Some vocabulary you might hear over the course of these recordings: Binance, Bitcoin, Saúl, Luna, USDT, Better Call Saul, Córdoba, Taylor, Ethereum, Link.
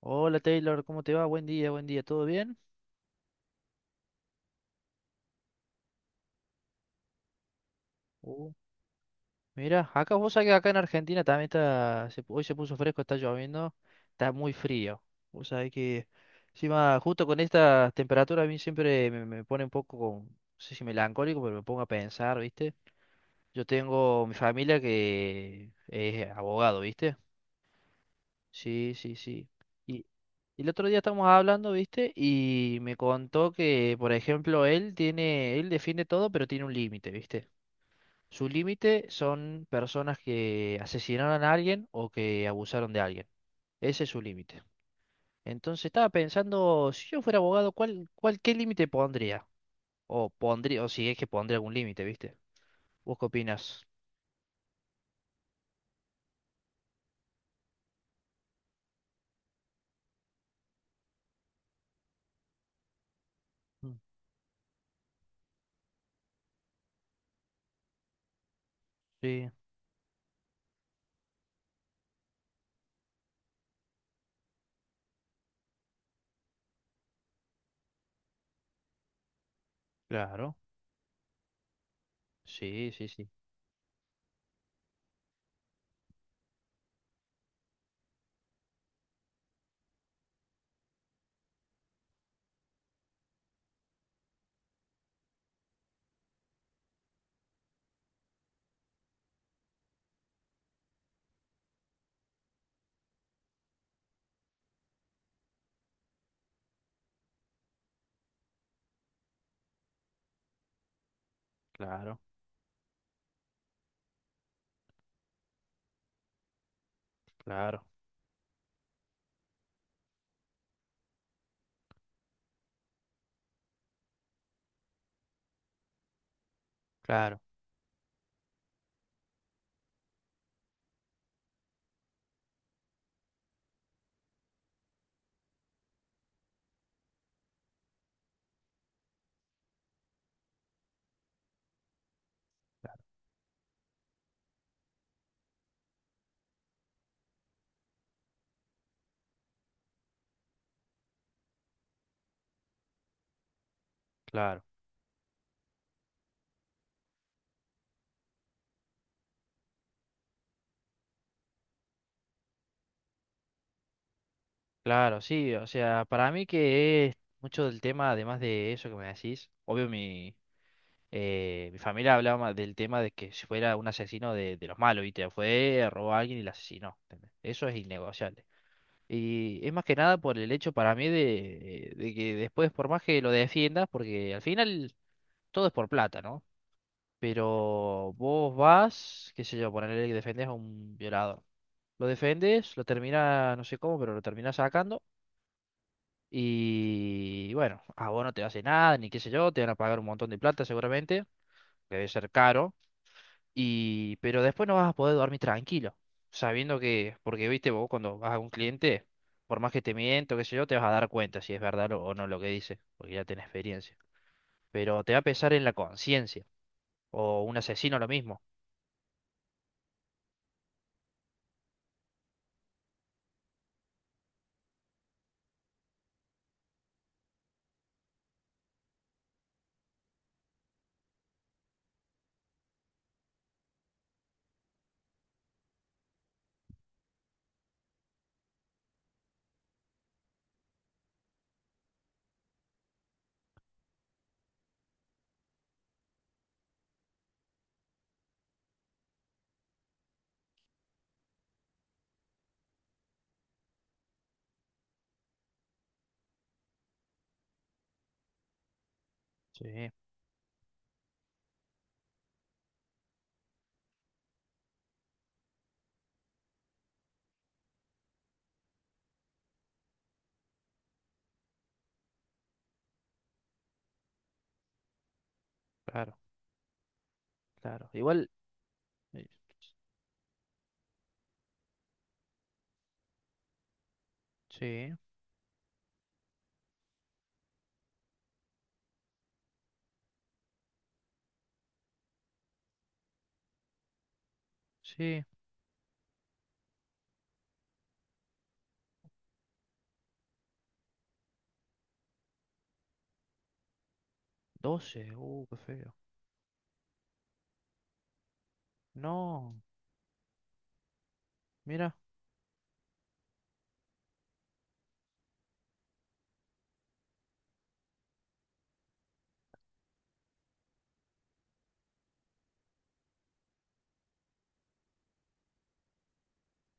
Hola Taylor, ¿cómo te va? Buen día, ¿todo bien? Uh, mira, acá vos sabés que acá en Argentina también está, hoy se puso fresco, está lloviendo, está muy frío. Vos sabés que encima justo con esta temperatura a mí siempre me pone un poco, no sé si melancólico, pero me pongo a pensar, ¿viste? Yo tengo mi familia que es abogado, ¿viste? Sí, sí, sí. Y- y el otro día estábamos hablando, ¿viste? Y me contó que, por ejemplo, él tiene, él defiende todo, pero tiene un límite, ¿viste? Su límite son personas que asesinaron a alguien o que abusaron de alguien. Ese es su límite. Entonces estaba pensando, si yo fuera abogado, ¿cuál, qué límite pondría? O pondría, o si es que pondría algún límite, ¿viste? ¿Vos qué opinas? Mm. Sí, claro. Sí, sí, sí. Claro, claro, claro, claro, claro. Sí, o sea, para mí que es mucho del tema, además de eso que me decís, obvio mi familia hablaba del tema de que si fuera un asesino de los malos, ¿viste? Fue, robó a alguien y lo asesinó. ¿Entendés? Eso es innegociable. Y es más que nada por el hecho para mí de que después, por más que lo defiendas, porque al final todo es por plata, ¿no? Pero vos vas, qué sé yo, ponerle que defendes a un violador. Lo defendes, lo termina, no sé cómo, pero lo termina sacando. Y bueno, a vos no te hace nada, ni qué sé yo, te van a pagar un montón de plata seguramente, que debe ser caro. Y, pero después no vas a poder dormir tranquilo, sabiendo que, porque viste vos cuando vas a un cliente, por más que te miento, qué sé yo, te vas a dar cuenta si es verdad o no lo que dice, porque ya tenés experiencia. Pero te va a pesar en la conciencia, o un asesino lo mismo. Sí, claro, claro. Igual, eh, sí, sí, doce, qué feo. No, mira,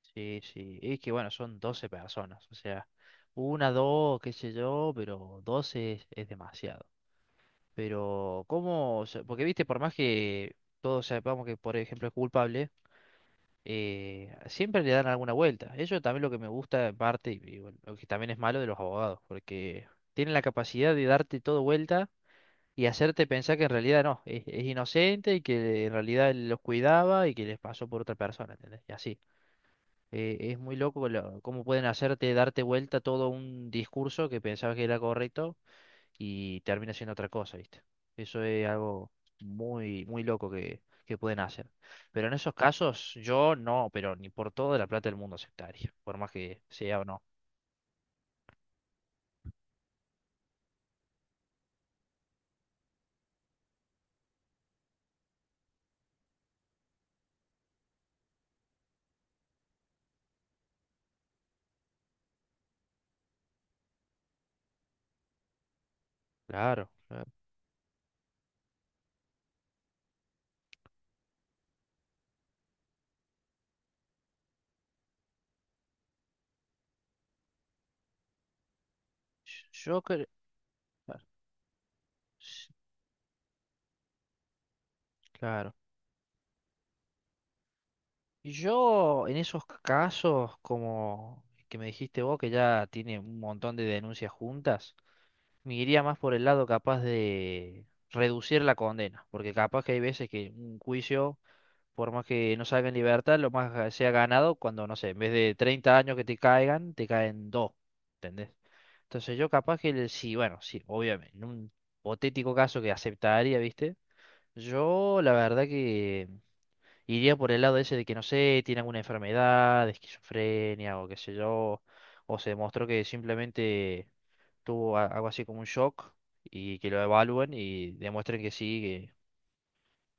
sí, sí, es que bueno, son 12 personas, o sea, una, dos, qué sé yo, pero 12 es demasiado. Pero, ¿cómo? O sea, porque, viste, por más que todos sepamos que, por ejemplo, es culpable, siempre le dan alguna vuelta. Eso también es lo que me gusta en parte, y bueno, lo que también es malo de los abogados, porque tienen la capacidad de darte todo vuelta y hacerte pensar que en realidad no, es inocente y que en realidad él los cuidaba y que les pasó por otra persona, ¿entendés? Y así. Es muy loco cómo pueden hacerte darte vuelta todo un discurso que pensabas que era correcto y termina siendo otra cosa, ¿viste? Eso es algo muy, muy loco que pueden hacer. Pero en esos casos, yo no, pero ni por toda la plata del mundo aceptaría, por más que sea o no. Claro, claro. Yo creo. Claro. Y yo en esos casos, como que me dijiste vos, que ya tiene un montón de denuncias juntas, me iría más por el lado capaz de reducir la condena, porque capaz que hay veces que un juicio por más que no salga en libertad, lo más que sea ganado cuando, no sé, en vez de 30 años que te caigan, te caen dos, ¿entendés? Entonces yo capaz que, sí, bueno, sí, obviamente, en un hipotético caso que aceptaría, ¿viste? Yo la verdad que iría por el lado ese de que, no sé, tiene alguna enfermedad, de esquizofrenia o qué sé yo, o se demostró que simplemente tuvo algo así como un shock y que lo evalúen y demuestren que sí,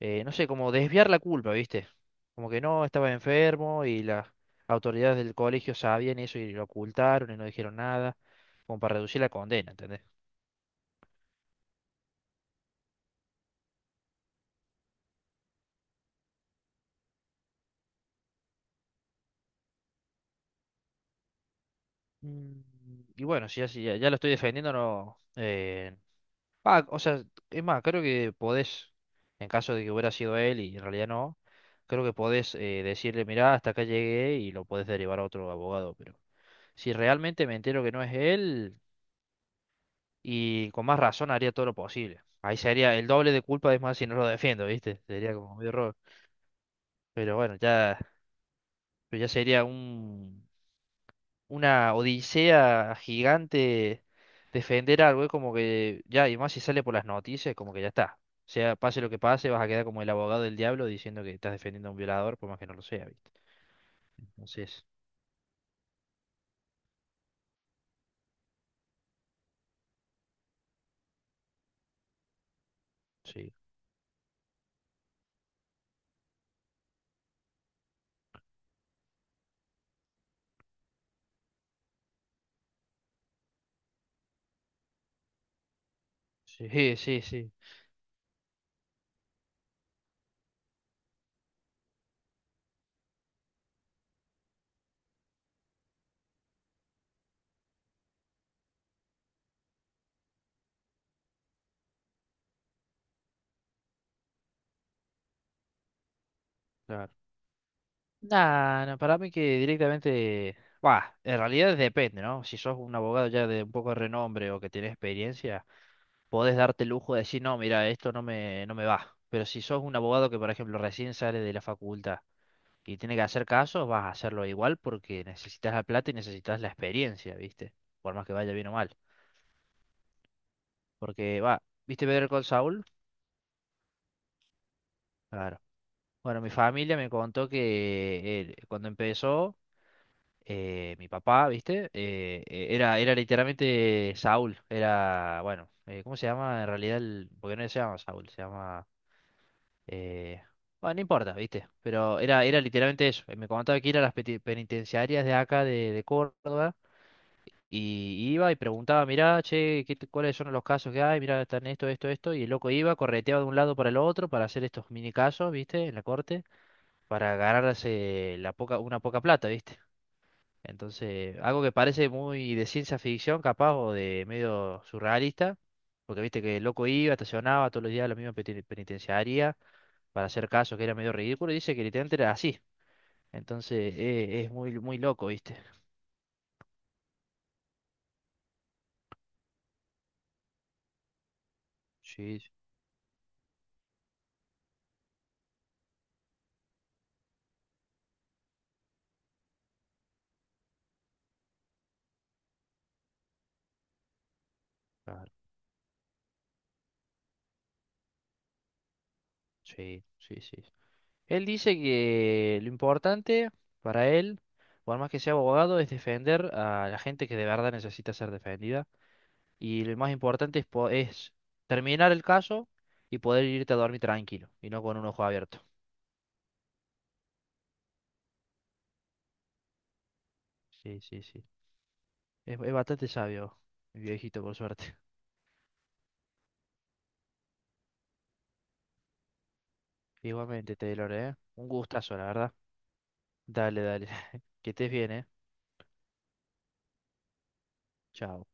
no sé, como desviar la culpa, ¿viste? Como que no, estaba enfermo y las autoridades del colegio sabían eso y lo ocultaron y no dijeron nada, como para reducir la condena, ¿entendés? Mm. Y bueno, si ya, si ya, ya lo estoy defendiendo, no, o sea, es más, creo que podés, en caso de que hubiera sido él y en realidad no, creo que podés, decirle, mirá, hasta acá llegué y lo podés derivar a otro abogado, pero si realmente me entero que no es él... Y con más razón haría todo lo posible. Ahí sería el doble de culpa, es más, si no lo defiendo, ¿viste? Sería como medio error. Pero bueno, ya, pero ya sería una odisea gigante defender algo. Es como que ya, y más si sale por las noticias, como que ya está. O sea, pase lo que pase, vas a quedar como el abogado del diablo diciendo que estás defendiendo a un violador, por más que no lo sea, ¿viste? Entonces, sí, sí, sí, sí. Claro. Nah, no, para mí que directamente, va, en realidad depende, ¿no? Si sos un abogado ya de un poco de renombre o que tenés experiencia, podés darte el lujo de decir, no, mira, esto no me va. Pero si sos un abogado que, por ejemplo, recién sale de la facultad y tiene que hacer casos, vas a hacerlo igual porque necesitas la plata y necesitas la experiencia, ¿viste? Por más que vaya bien o mal. Porque, va, ¿viste Better Call Saul? Claro. Bueno, mi familia me contó que, cuando empezó, mi papá, ¿viste? Era literalmente Saúl, era, bueno, ¿cómo se llama? En realidad, el, porque no se llama Saúl, se llama... eh, bueno, no importa, ¿viste? Pero era literalmente eso. Me contaba que ir a las penitenciarias de acá, de Córdoba, y iba y preguntaba, mirá, che, cuáles son los casos que hay? Mirá, están esto, esto, esto, y el loco iba, correteaba de un lado para el otro para hacer estos mini casos, ¿viste? En la corte, para ganarse una poca plata, ¿viste? Entonces, algo que parece muy de ciencia ficción, capaz, o de medio surrealista, porque viste que el loco iba, estacionaba todos los días a la misma penitenciaría para hacer caso que era medio ridículo, y dice que literalmente era así. Entonces, es muy, muy loco, ¿viste? Sí, sí, claro, sí, sí, sí. Él dice que lo importante para él, por más que sea abogado, es defender a la gente que de verdad necesita ser defendida. Y lo más importante es, es terminar el caso y poder irte a dormir tranquilo y no con un ojo abierto. Sí, sí, sí. Es bastante sabio, mi viejito, por suerte. Igualmente, Taylor, ¿eh? Un gustazo, la verdad. Dale, dale. Que estés bien, ¿eh? Chao.